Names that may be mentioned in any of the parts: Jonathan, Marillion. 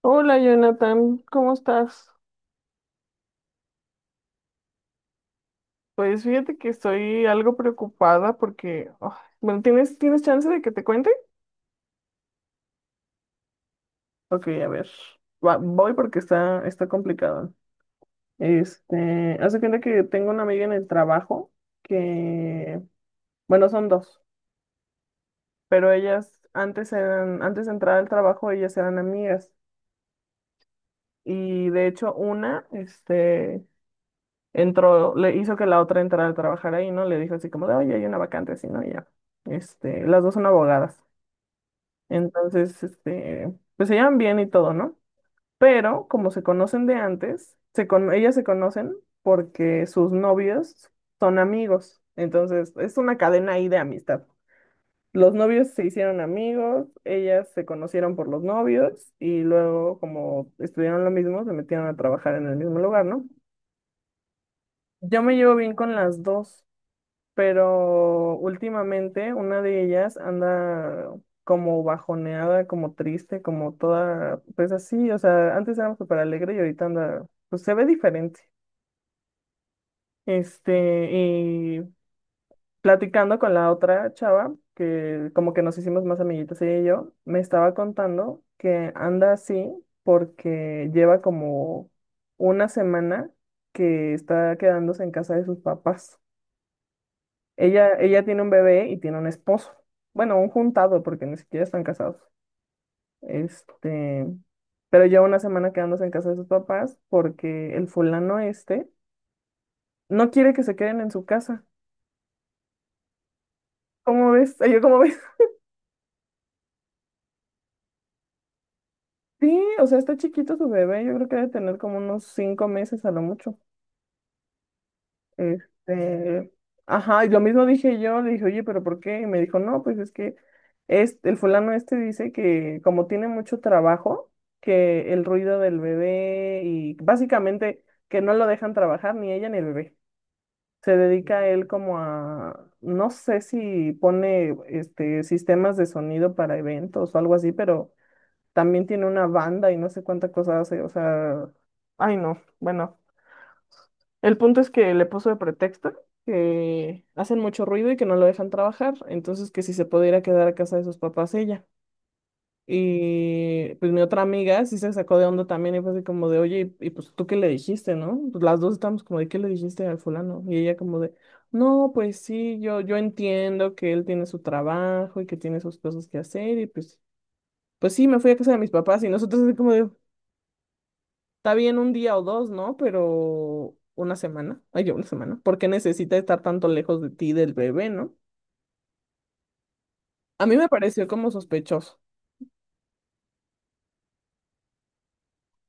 Hola Jonathan, ¿cómo estás? Pues fíjate que estoy algo preocupada porque, bueno, ¿tienes chance de que te cuente? Ok, a ver, voy porque está complicado. Hace cuenta que tengo una amiga en el trabajo que, bueno, son dos, pero ellas antes eran, antes de entrar al trabajo, ellas eran amigas. Y de hecho, una, entró, le hizo que la otra entrara a trabajar ahí, ¿no? Le dijo así como de, oye, hay una vacante así, ¿no? Y ya, las dos son abogadas. Entonces, pues se llevan bien y todo, ¿no? Pero como se conocen de antes, ellas se conocen porque sus novios son amigos. Entonces, es una cadena ahí de amistad. Los novios se hicieron amigos, ellas se conocieron por los novios y luego como estudiaron lo mismo, se metieron a trabajar en el mismo lugar, ¿no? Yo me llevo bien con las dos. Pero últimamente una de ellas anda como bajoneada, como triste, como toda, pues así, o sea, antes era súper alegre y ahorita anda, pues se ve diferente. Y platicando con la otra chava, que como que nos hicimos más amiguitas ella y yo, me estaba contando que anda así porque lleva como una semana que está quedándose en casa de sus papás. Ella tiene un bebé y tiene un esposo. Bueno, un juntado, porque ni siquiera están casados. Este, pero lleva una semana quedándose en casa de sus papás porque el fulano este no quiere que se queden en su casa. ¿Cómo ves? Ay, yo, ¿cómo ves? Sí, o sea, está chiquito su bebé. Yo creo que debe tener como unos 5 meses a lo mucho. Este, ajá, y lo mismo dije yo, le dije, oye, pero ¿por qué? Y me dijo, no, pues es que es el fulano este dice que como tiene mucho trabajo, que el ruido del bebé y básicamente que no lo dejan trabajar ni ella ni el bebé. Se dedica él como a, no sé si pone sistemas de sonido para eventos o algo así, pero también tiene una banda y no sé cuánta cosa hace, o sea, ay no, bueno. El punto es que le puso de pretexto que hacen mucho ruido y que no lo dejan trabajar, entonces que si se pudiera quedar a casa de sus papás ella. Y pues mi otra amiga sí se sacó de onda también y fue así como de, oye, pues tú qué le dijiste, ¿no? Pues las dos estamos como de, ¿qué le dijiste al fulano? Y ella como de, no, pues sí, yo entiendo que él tiene su trabajo y que tiene sus cosas que hacer y pues sí, me fui a casa de mis papás y nosotros así como de, está bien un día o dos, ¿no? Pero una semana, ay, yo una semana, ¿por qué necesita estar tanto lejos de ti del bebé, ¿no? A mí me pareció como sospechoso.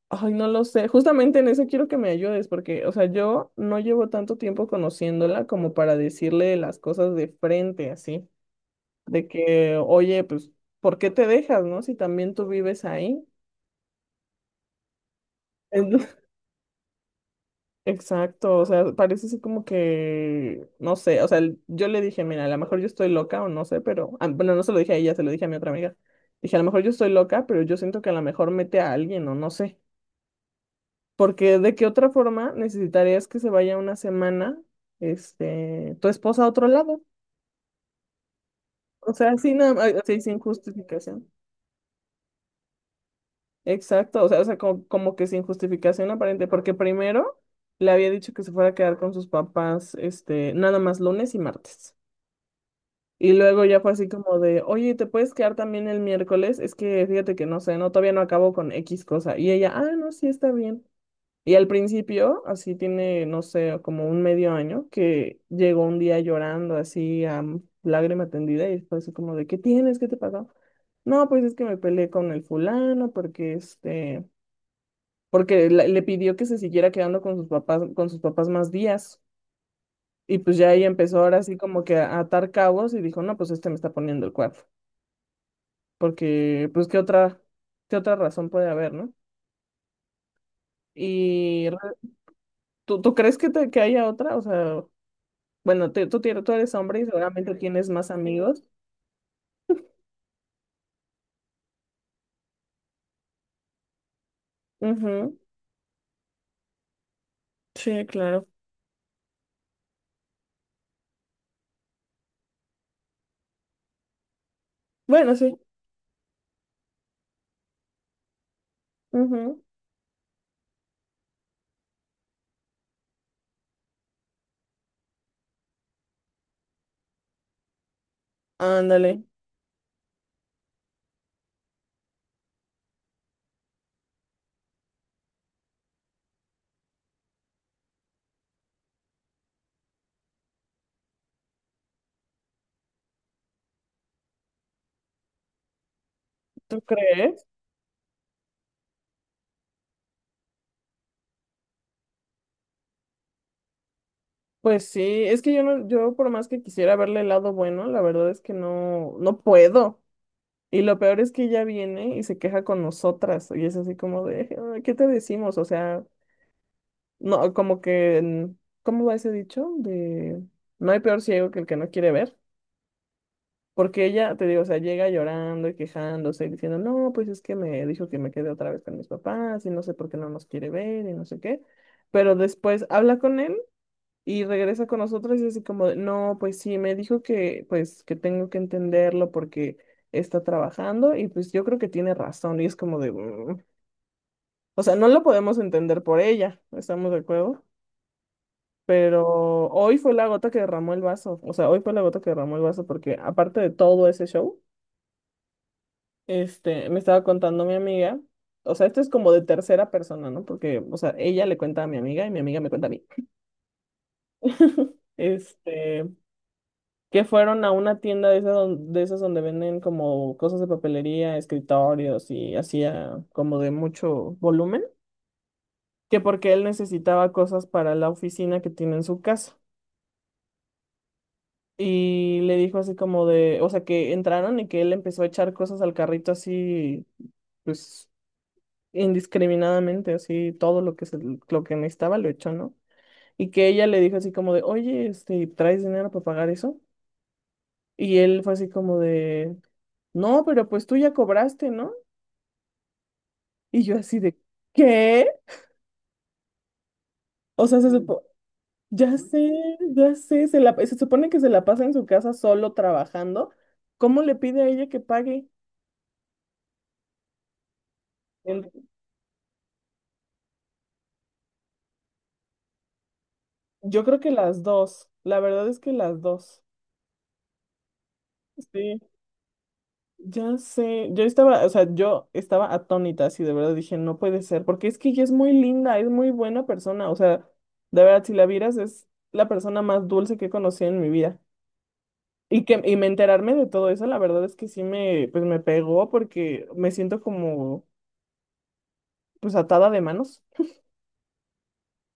Ay, no lo sé. Justamente en eso quiero que me ayudes, porque, o sea, yo no llevo tanto tiempo conociéndola como para decirle las cosas de frente, así, de que, oye, pues, ¿por qué te dejas, no? Si también tú vives ahí. Exacto, o sea, parece así como que, no sé, o sea, yo le dije, mira, a lo mejor yo estoy loca o no sé, pero, bueno, no se lo dije a ella, se lo dije a mi otra amiga. Dije, a lo mejor yo estoy loca, pero yo siento que a lo mejor mete a alguien o no sé, porque de qué otra forma necesitarías que se vaya una semana, tu esposa a otro lado, o sea, sin, nada ma- así sin justificación. Exacto, o sea, como que sin justificación aparente, porque primero le había dicho que se fuera a quedar con sus papás, nada más lunes y martes. Y luego ya fue así como de, oye, ¿te puedes quedar también el miércoles? Es que fíjate que no sé, no, todavía no acabo con X cosa. Y ella, ah, no, sí, está bien. Y al principio, así tiene, no sé, como un medio año, que llegó un día llorando así a lágrima tendida y fue así como de, ¿qué tienes? ¿Qué te pasó? No, pues es que me peleé con el fulano porque porque le pidió que se siguiera quedando con sus papás, más días. Y pues ya ella empezó ahora así como que a atar cabos y dijo, no, pues este me está poniendo el cuerno. Porque pues qué otra razón puede haber, ¿no? Y re- ¿tú crees que haya otra? O sea, bueno, tú eres hombre y seguramente tienes más amigos. Ujú, sí, claro. Bueno, sí. Ujú, ándale, ¿tú crees? Pues sí, es que yo no, yo por más que quisiera verle el lado bueno, la verdad es que no, no puedo. Y lo peor es que ella viene y se queja con nosotras. Y es así como de, "Ay, ¿qué te decimos? O sea, no, como que, ¿cómo va ese dicho? De no hay peor ciego que el que no quiere ver. Porque ella, te digo, o sea, llega llorando y quejándose y diciendo, no, pues es que me dijo que me quedé otra vez con mis papás y no sé por qué no nos quiere ver y no sé qué. Pero después habla con él y regresa con nosotros y así como, de, no, pues sí, me dijo pues que tengo que entenderlo porque está trabajando y pues yo creo que tiene razón y es como de, "Mm". O sea, no lo podemos entender por ella, ¿estamos de acuerdo? Pero hoy fue la gota que derramó el vaso. O sea, hoy fue la gota que derramó el vaso porque aparte de todo ese show, me estaba contando mi amiga. O sea, esto es como de tercera persona, ¿no? Porque, o sea, ella le cuenta a mi amiga y mi amiga me cuenta a mí. Este, que fueron a una tienda de esas, de esas donde venden como cosas de papelería, escritorios y hacía como de mucho volumen, que porque él necesitaba cosas para la oficina que tiene en su casa. Y le dijo así como de, o sea, que entraron y que él empezó a echar cosas al carrito así, pues indiscriminadamente, así todo lo que necesitaba lo echó, ¿no? Y que ella le dijo así como de, oye, ¿traes dinero para pagar eso? Y él fue así como de, no, pero pues tú ya cobraste, ¿no? Y yo así de, ¿qué? O sea, ya sé, ya sé, se supone que se la pasa en su casa solo trabajando. ¿Cómo le pide a ella que pague? Yo creo que las dos, la verdad es que las dos. Sí, ya sé, o sea, yo estaba atónita, así de verdad dije, no puede ser, porque es que ella es muy linda, es muy buena persona, o sea, de verdad, si la vieras, es la persona más dulce que he conocido en mi vida. Y me enterarme de todo eso, la verdad es que sí pues me pegó porque me siento como, pues atada de manos.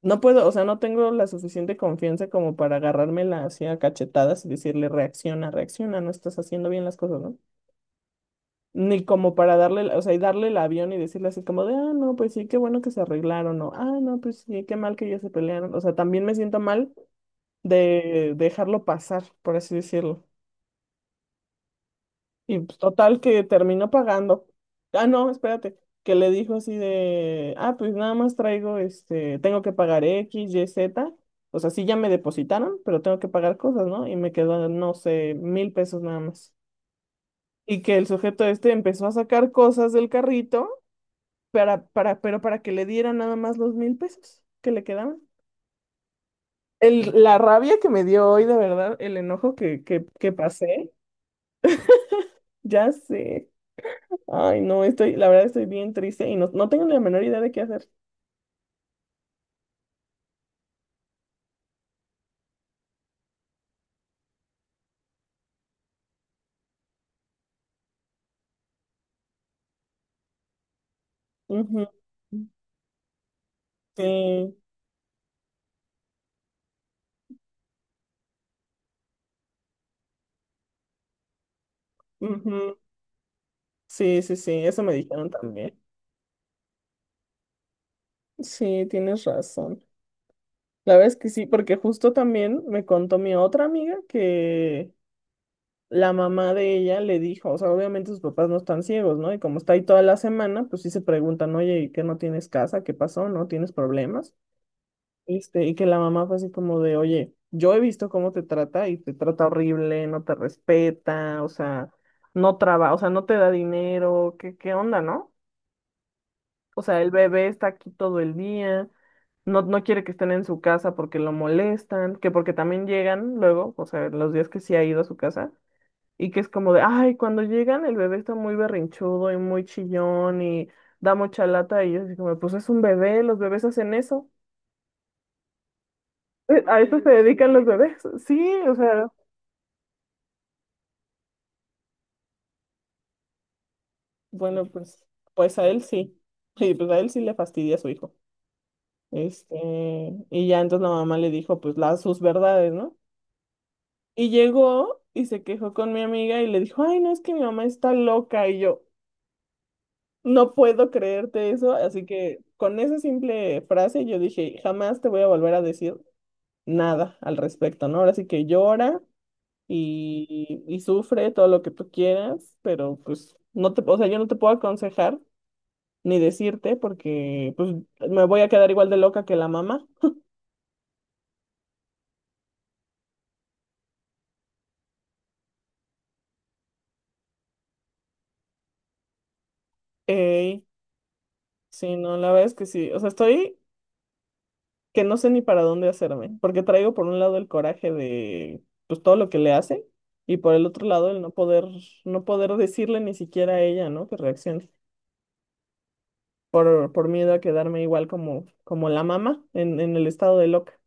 No puedo, o sea, no tengo la suficiente confianza como para agarrármela así a cachetadas y decirle, reacciona, reacciona, no estás haciendo bien las cosas, ¿no? Ni como para darle, o sea, y darle el avión y decirle así como de, ah, no, pues sí, qué bueno que se arreglaron, o, ah, no, pues sí, qué mal que ya se pelearon. O sea, también me siento mal de dejarlo pasar, por así decirlo. Y pues, total que terminó pagando. Ah, no, espérate, que le dijo así de, ah, pues nada más traigo, tengo que pagar X, Y, Z. O sea, sí ya me depositaron, pero tengo que pagar cosas, ¿no? Y me quedó, no sé, 1000 pesos nada más. Y que el sujeto este empezó a sacar cosas del carrito pero para que le diera nada más los 1000 pesos que le quedaban. La rabia que me dio hoy, de verdad, el enojo que pasé, ya sé. Ay, no, estoy, la verdad estoy bien triste y no, no tengo ni la menor idea de qué hacer. Ujú. Sí, ujú. Sí, sí, sí, eso me dijeron también. Sí, tienes razón. La verdad es que sí, porque justo también me contó mi otra amiga que la mamá de ella le dijo, o sea, obviamente sus papás no están ciegos, ¿no? Y como está ahí toda la semana, pues sí se preguntan, oye, ¿y qué no tienes casa? ¿Qué pasó? ¿No tienes problemas? Y que la mamá fue así como de, oye, yo he visto cómo te trata y te trata horrible, no te respeta, o sea, no trabaja, o sea, no te da dinero, ¿qué onda, no? O sea, el bebé está aquí todo el día, no, no quiere que estén en su casa porque lo molestan, que porque también llegan luego, o sea, los días que sí ha ido a su casa y que es como de, ay, cuando llegan el bebé está muy berrinchudo y muy chillón y da mucha lata y yo así como, pues es un bebé, los bebés hacen eso. A eso se dedican los bebés. Sí, o sea, bueno, pues a él sí. Y pues a él sí le fastidia a su hijo. Este, y ya entonces la mamá le dijo, pues, las sus verdades, ¿no? Y llegó y se quejó con mi amiga y le dijo, ay, no, es que mi mamá está loca. Y yo, no puedo creerte eso, así que con esa simple frase yo dije, jamás te voy a volver a decir nada al respecto, ¿no? Ahora sí que llora y sufre todo lo que tú quieras, pero pues no te, o sea, yo no te puedo aconsejar ni decirte porque pues me voy a quedar igual de loca que la mamá. Ey, sí, no, la verdad es que sí, o sea, estoy que no sé ni para dónde hacerme, porque traigo por un lado el coraje de pues todo lo que le hace y por el otro lado el no poder no poder decirle ni siquiera a ella, ¿no? que reaccione por miedo a quedarme igual como la mamá en el estado de loca.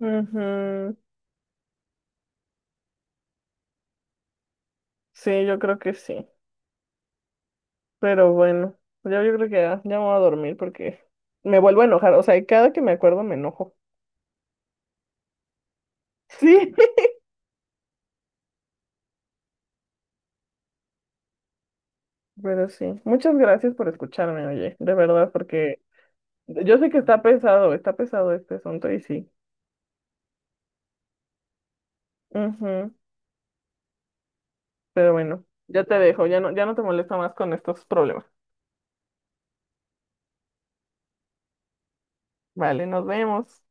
Ujú. Sí, yo creo que sí. Pero bueno, ya yo creo que ya me voy a dormir porque me vuelvo a enojar. O sea, cada que me acuerdo me enojo. Sí, pero sí. Muchas gracias por escucharme, oye, de verdad, porque yo sé que está pesado este asunto y sí. Ujú, pero bueno, ya te dejo, ya no, ya no te molesto más con estos problemas. Vale, nos vemos.